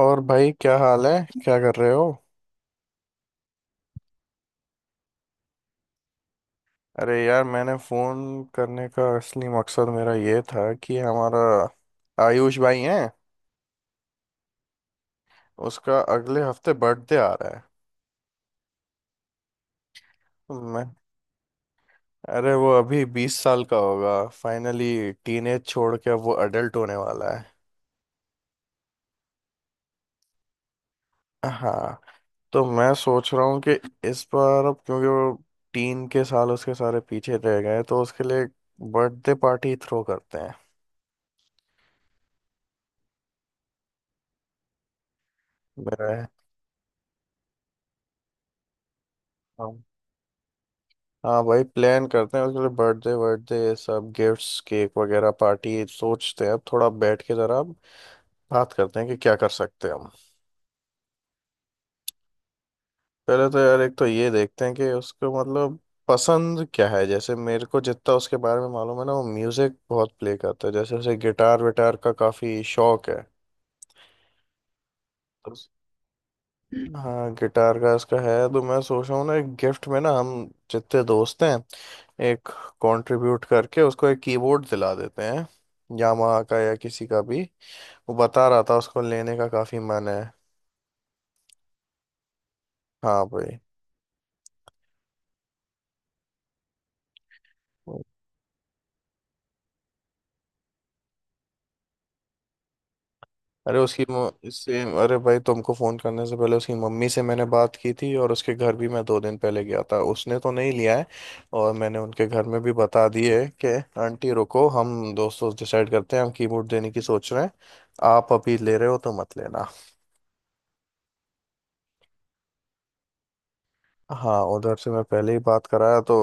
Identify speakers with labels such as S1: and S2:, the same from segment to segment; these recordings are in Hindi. S1: और भाई क्या हाल है। क्या कर रहे हो। अरे यार, मैंने फ़ोन करने का असली मकसद मेरा ये था कि हमारा आयुष भाई हैं, उसका अगले हफ्ते बर्थडे आ रहा है। तो मैं अरे वो अभी 20 साल का होगा फाइनली। टीनेज छोड़ के अब वो अडल्ट होने वाला है। हाँ, तो मैं सोच रहा हूँ कि इस बार, अब क्योंकि वो टीन के साल उसके सारे पीछे रह गए, तो उसके लिए बर्थडे पार्टी थ्रो करते हैं। मेरा है हाँ। हाँ भाई, प्लान करते हैं उसके लिए। बर्थडे, बर्थडे ये सब, गिफ्ट्स, केक वगैरह, पार्टी सोचते हैं। अब थोड़ा बैठ के जरा बात करते हैं कि क्या कर सकते हैं हम। पहले तो यार एक तो ये देखते हैं कि उसको मतलब पसंद क्या है। जैसे मेरे को जितना उसके बारे में मालूम है ना, वो म्यूजिक बहुत प्ले करता है, जैसे उसे गिटार विटार का काफी शौक है। हाँ गिटार का इसका है, तो मैं सोच रहा हूँ ना, एक गिफ्ट में ना हम जितने दोस्त हैं, एक कंट्रीब्यूट करके उसको एक कीबोर्ड दिला देते हैं, यामाहा का या किसी का भी। वो बता रहा था उसको लेने का काफी मन है। हाँ भाई। अरे उसकी मो- इससे अरे भाई तुमको फोन करने से पहले उसकी मम्मी से मैंने बात की थी, और उसके घर भी मैं 2 दिन पहले गया था, उसने तो नहीं लिया है। और मैंने उनके घर में भी बता दिए कि आंटी रुको, हम दोस्त दोस्त डिसाइड करते हैं, हम कीमोड देने की सोच रहे हैं, आप अभी ले रहे हो तो मत लेना। हाँ उधर से मैं पहले ही बात कराया, तो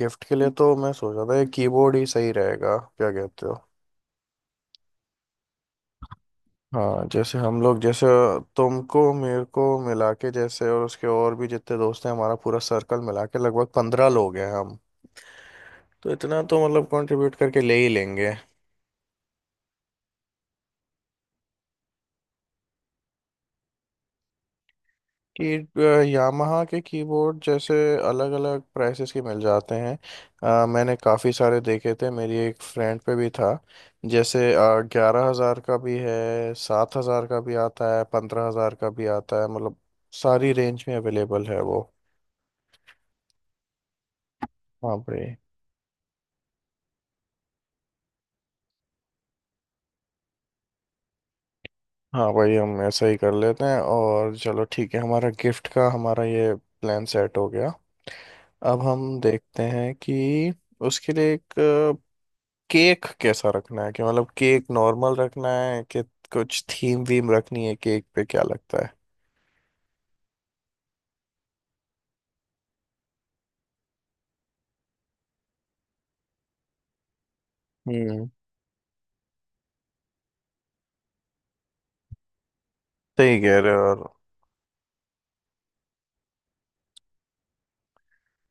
S1: गिफ्ट के लिए तो मैं सोच रहा था ये कीबोर्ड ही सही रहेगा, क्या कहते हो। हाँ जैसे हम लोग, जैसे तुमको मेरे को मिला के, जैसे और उसके और भी जितने दोस्त हैं, हमारा पूरा सर्कल मिला के लगभग 15 लोग हैं हम। तो इतना तो मतलब कंट्रीब्यूट करके ले ही लेंगे। कि यामाहा के कीबोर्ड जैसे अलग अलग प्राइसेस के मिल जाते हैं। मैंने काफ़ी सारे देखे थे, मेरी एक फ्रेंड पे भी था। जैसे 11 हज़ार का भी है, 7 हज़ार का भी आता है, 15 हज़ार का भी आता है, मतलब सारी रेंज में अवेलेबल है वो। हाँ भाई। हाँ वही, हम ऐसा ही कर लेते हैं, और चलो ठीक है, हमारा गिफ्ट का हमारा ये प्लान सेट हो गया। अब हम देखते हैं कि उसके लिए एक केक कैसा रखना है, कि मतलब केक नॉर्मल रखना है कि कुछ थीम वीम रखनी है केक पे, क्या लगता है। हम्म, सही कह रहे हो यार।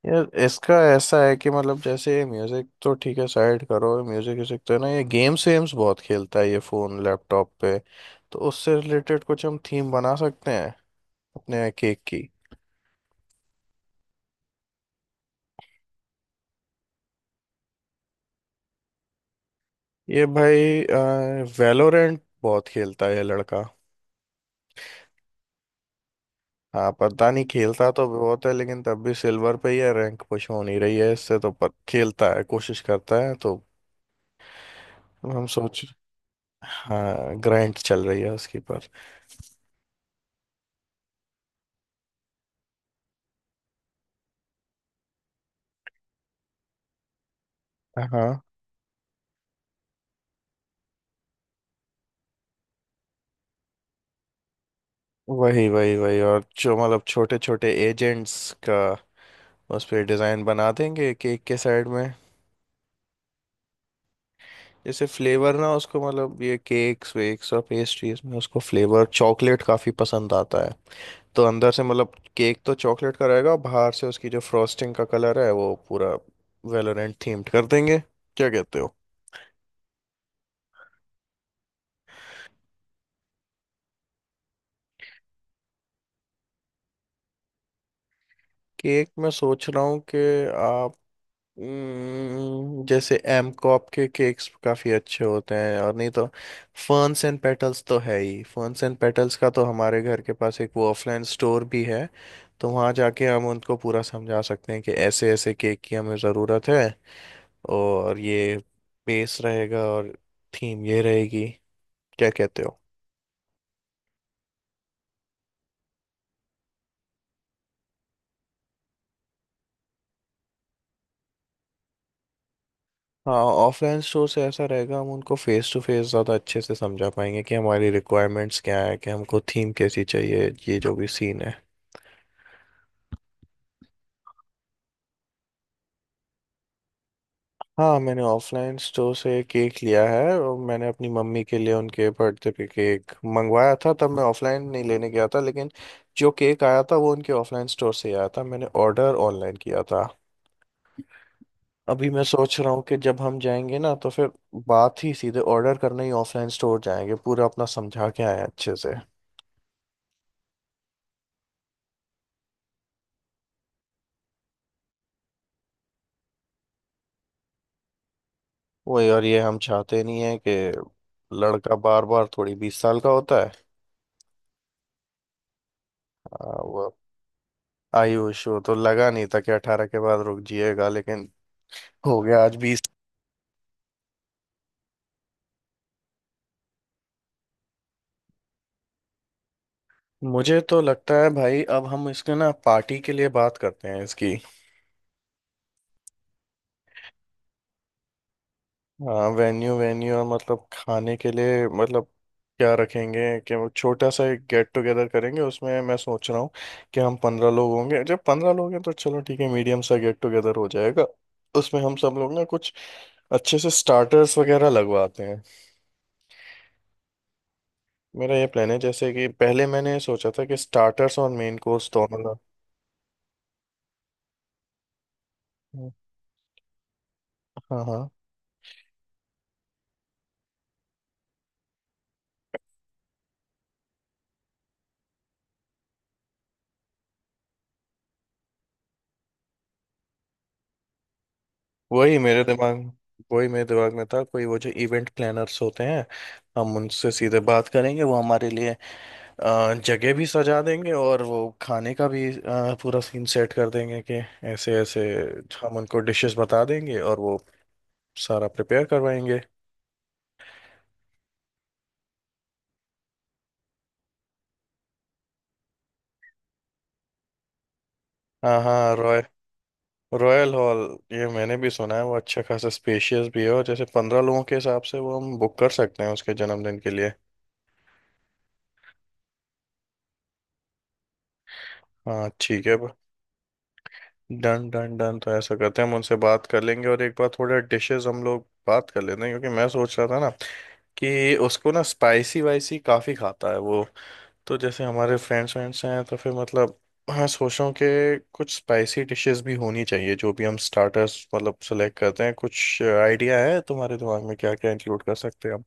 S1: यार इसका ऐसा है कि मतलब जैसे म्यूजिक तो ठीक है साइड करो, म्यूजिक व्यूजिक तो है ना, ये गेम्स वेम्स बहुत खेलता है ये, फोन लैपटॉप पे। तो उससे रिलेटेड कुछ हम थीम बना सकते हैं अपने केक की। ये भाई वेलोरेंट बहुत खेलता है ये लड़का। हाँ पता नहीं, खेलता तो बहुत है लेकिन तब भी सिल्वर पे ही है, रैंक पुश हो नहीं रही है इससे, तो पर खेलता है, कोशिश करता है तो। हम सोच हाँ ग्राइंड चल रही है उसकी पर। हाँ वही वही वही, और जो मतलब छोटे छोटे एजेंट्स का उस पे डिजाइन बना देंगे केक के साइड में। जैसे फ्लेवर ना उसको, मतलब ये केक्स वेक्स और पेस्ट्रीज में, उसको फ्लेवर चॉकलेट काफी पसंद आता है। तो अंदर से मतलब केक तो चॉकलेट का रहेगा, और बाहर से उसकी जो फ्रॉस्टिंग का कलर है वो पूरा वेलोरेंट थीम्ड कर देंगे। क्या कहते हो। केक मैं सोच रहा हूँ कि आप जैसे एम कॉप के केक्स काफ़ी अच्छे होते हैं, और नहीं तो फर्न्स एंड पेटल्स तो है ही, फर्न्स एंड पेटल्स का तो हमारे घर के पास एक वो ऑफलाइन स्टोर भी है। तो वहाँ जाके हम उनको पूरा समझा सकते हैं कि ऐसे ऐसे केक की हमें ज़रूरत है, और ये बेस रहेगा और थीम ये रहेगी। क्या कहते हो। हाँ ऑफलाइन स्टोर से ऐसा रहेगा, हम उनको फेस टू फेस ज़्यादा अच्छे से समझा पाएंगे कि हमारी रिक्वायरमेंट्स क्या है, कि हमको थीम कैसी चाहिए, ये जो भी सीन है। हाँ मैंने ऑफलाइन स्टोर से केक लिया है, और मैंने अपनी मम्मी के लिए उनके बर्थडे पे केक मंगवाया था, तब मैं ऑफलाइन नहीं लेने गया था, लेकिन जो केक आया था वो उनके ऑफलाइन स्टोर से ही आया था, मैंने ऑर्डर ऑनलाइन किया था। अभी मैं सोच रहा हूँ कि जब हम जाएंगे ना, तो फिर बात ही सीधे, ऑर्डर करने ही ऑफलाइन स्टोर जाएंगे, पूरा अपना समझा के आए अच्छे से। वही, और ये हम चाहते नहीं है कि, लड़का बार बार थोड़ी 20 साल का होता है। वो आयु इशू तो लगा नहीं था कि 18 के बाद रुक जिएगा लेकिन हो गया आज 20। मुझे तो लगता है भाई अब हम इसके ना पार्टी के लिए बात करते हैं इसकी। हाँ वेन्यू वेन्यू, और मतलब खाने के लिए मतलब क्या रखेंगे। कि वो छोटा सा एक गेट टुगेदर करेंगे, उसमें मैं सोच रहा हूँ कि हम 15 लोग होंगे, जब पंद्रह लोग हैं तो चलो ठीक है, मीडियम सा गेट टुगेदर हो जाएगा। उसमें हम सब लोग ना कुछ अच्छे से स्टार्टर्स वगैरह लगवाते हैं। मेरा ये प्लान है, जैसे कि पहले मैंने ये सोचा था कि स्टार्टर्स और मेन कोर्स दोनों हाँ हाँ। वही मेरे दिमाग वही मेरे दिमाग में था, कोई वो जो इवेंट प्लानर्स होते हैं, हम उनसे सीधे बात करेंगे, वो हमारे लिए जगह भी सजा देंगे, और वो खाने का भी पूरा सीन सेट कर देंगे कि ऐसे ऐसे, हम उनको डिशेस बता देंगे और वो सारा प्रिपेयर करवाएंगे। हाँ हाँ रॉयल हॉल ये मैंने भी सुना है, वो अच्छा खासा स्पेशियस भी है, और जैसे 15 लोगों के हिसाब से वो हम बुक कर सकते हैं उसके जन्मदिन के लिए। हाँ ठीक है। डन डन डन, तो ऐसा करते हैं, हम उनसे बात कर लेंगे, और एक बार थोड़े डिशेस हम लोग बात कर लेते हैं क्योंकि मैं सोच रहा था ना कि उसको ना स्पाइसी वाइसी काफ़ी खाता है वो। तो जैसे हमारे फ्रेंड्स वेंड्स हैं, तो फिर मतलब हाँ सोचो कि कुछ स्पाइसी डिशेस भी होनी चाहिए जो भी हम स्टार्टर्स मतलब सेलेक्ट करते हैं। कुछ आइडिया है तुम्हारे दिमाग में, क्या क्या इंक्लूड कर सकते हैं हम।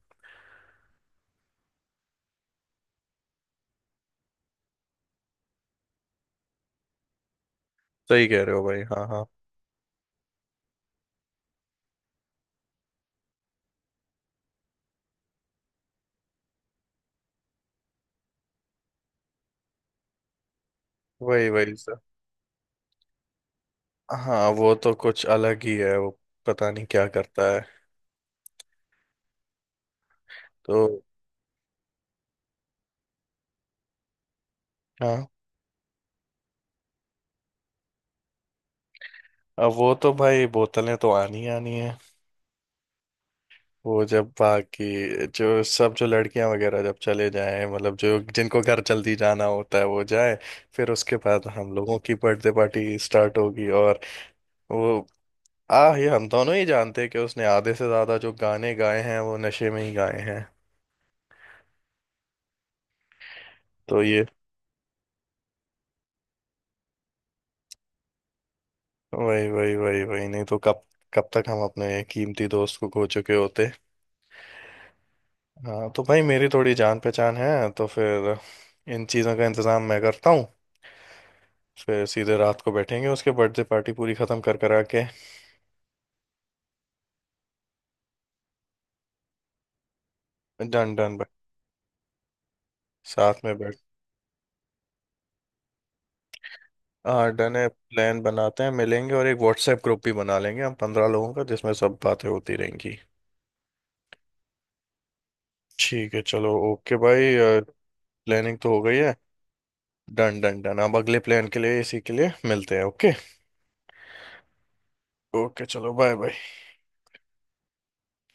S1: सही कह रहे हो भाई, हाँ हाँ। वही वही सर। हाँ वो तो कुछ अलग ही है वो, पता नहीं क्या करता है। तो हाँ, अब वो तो भाई बोतलें तो आनी ही आनी है। वो जब बाकी जो सब, जो लड़कियां वगैरह जब चले जाएं, मतलब जो जिनको घर जल्दी जाना होता है वो जाए, फिर उसके बाद हम लोगों की बर्थडे पार्टी स्टार्ट होगी। और वो आ ये हम दोनों ही जानते हैं कि उसने आधे से ज्यादा जो गाने गाए हैं वो नशे में ही गाए हैं। तो ये वही वही वही वही, नहीं तो कब, कब तक हम अपने कीमती दोस्त को खो चुके होते। हाँ तो भाई, मेरी थोड़ी जान पहचान है तो फिर इन चीज़ों का इंतजाम मैं करता हूँ। फिर सीधे रात को बैठेंगे उसके बर्थडे पार्टी पूरी खत्म कर करा के। डन डन भाई, साथ में बैठ हाँ डन है। प्लान बनाते हैं, मिलेंगे, और एक व्हाट्सएप ग्रुप भी बना लेंगे हम 15 लोगों का, जिसमें सब बातें होती रहेंगी। ठीक है चलो ओके भाई। प्लानिंग तो हो गई है। डन डन डन, अब अगले प्लान के लिए इसी के लिए मिलते हैं, ओके। ओके चलो बाय बाय।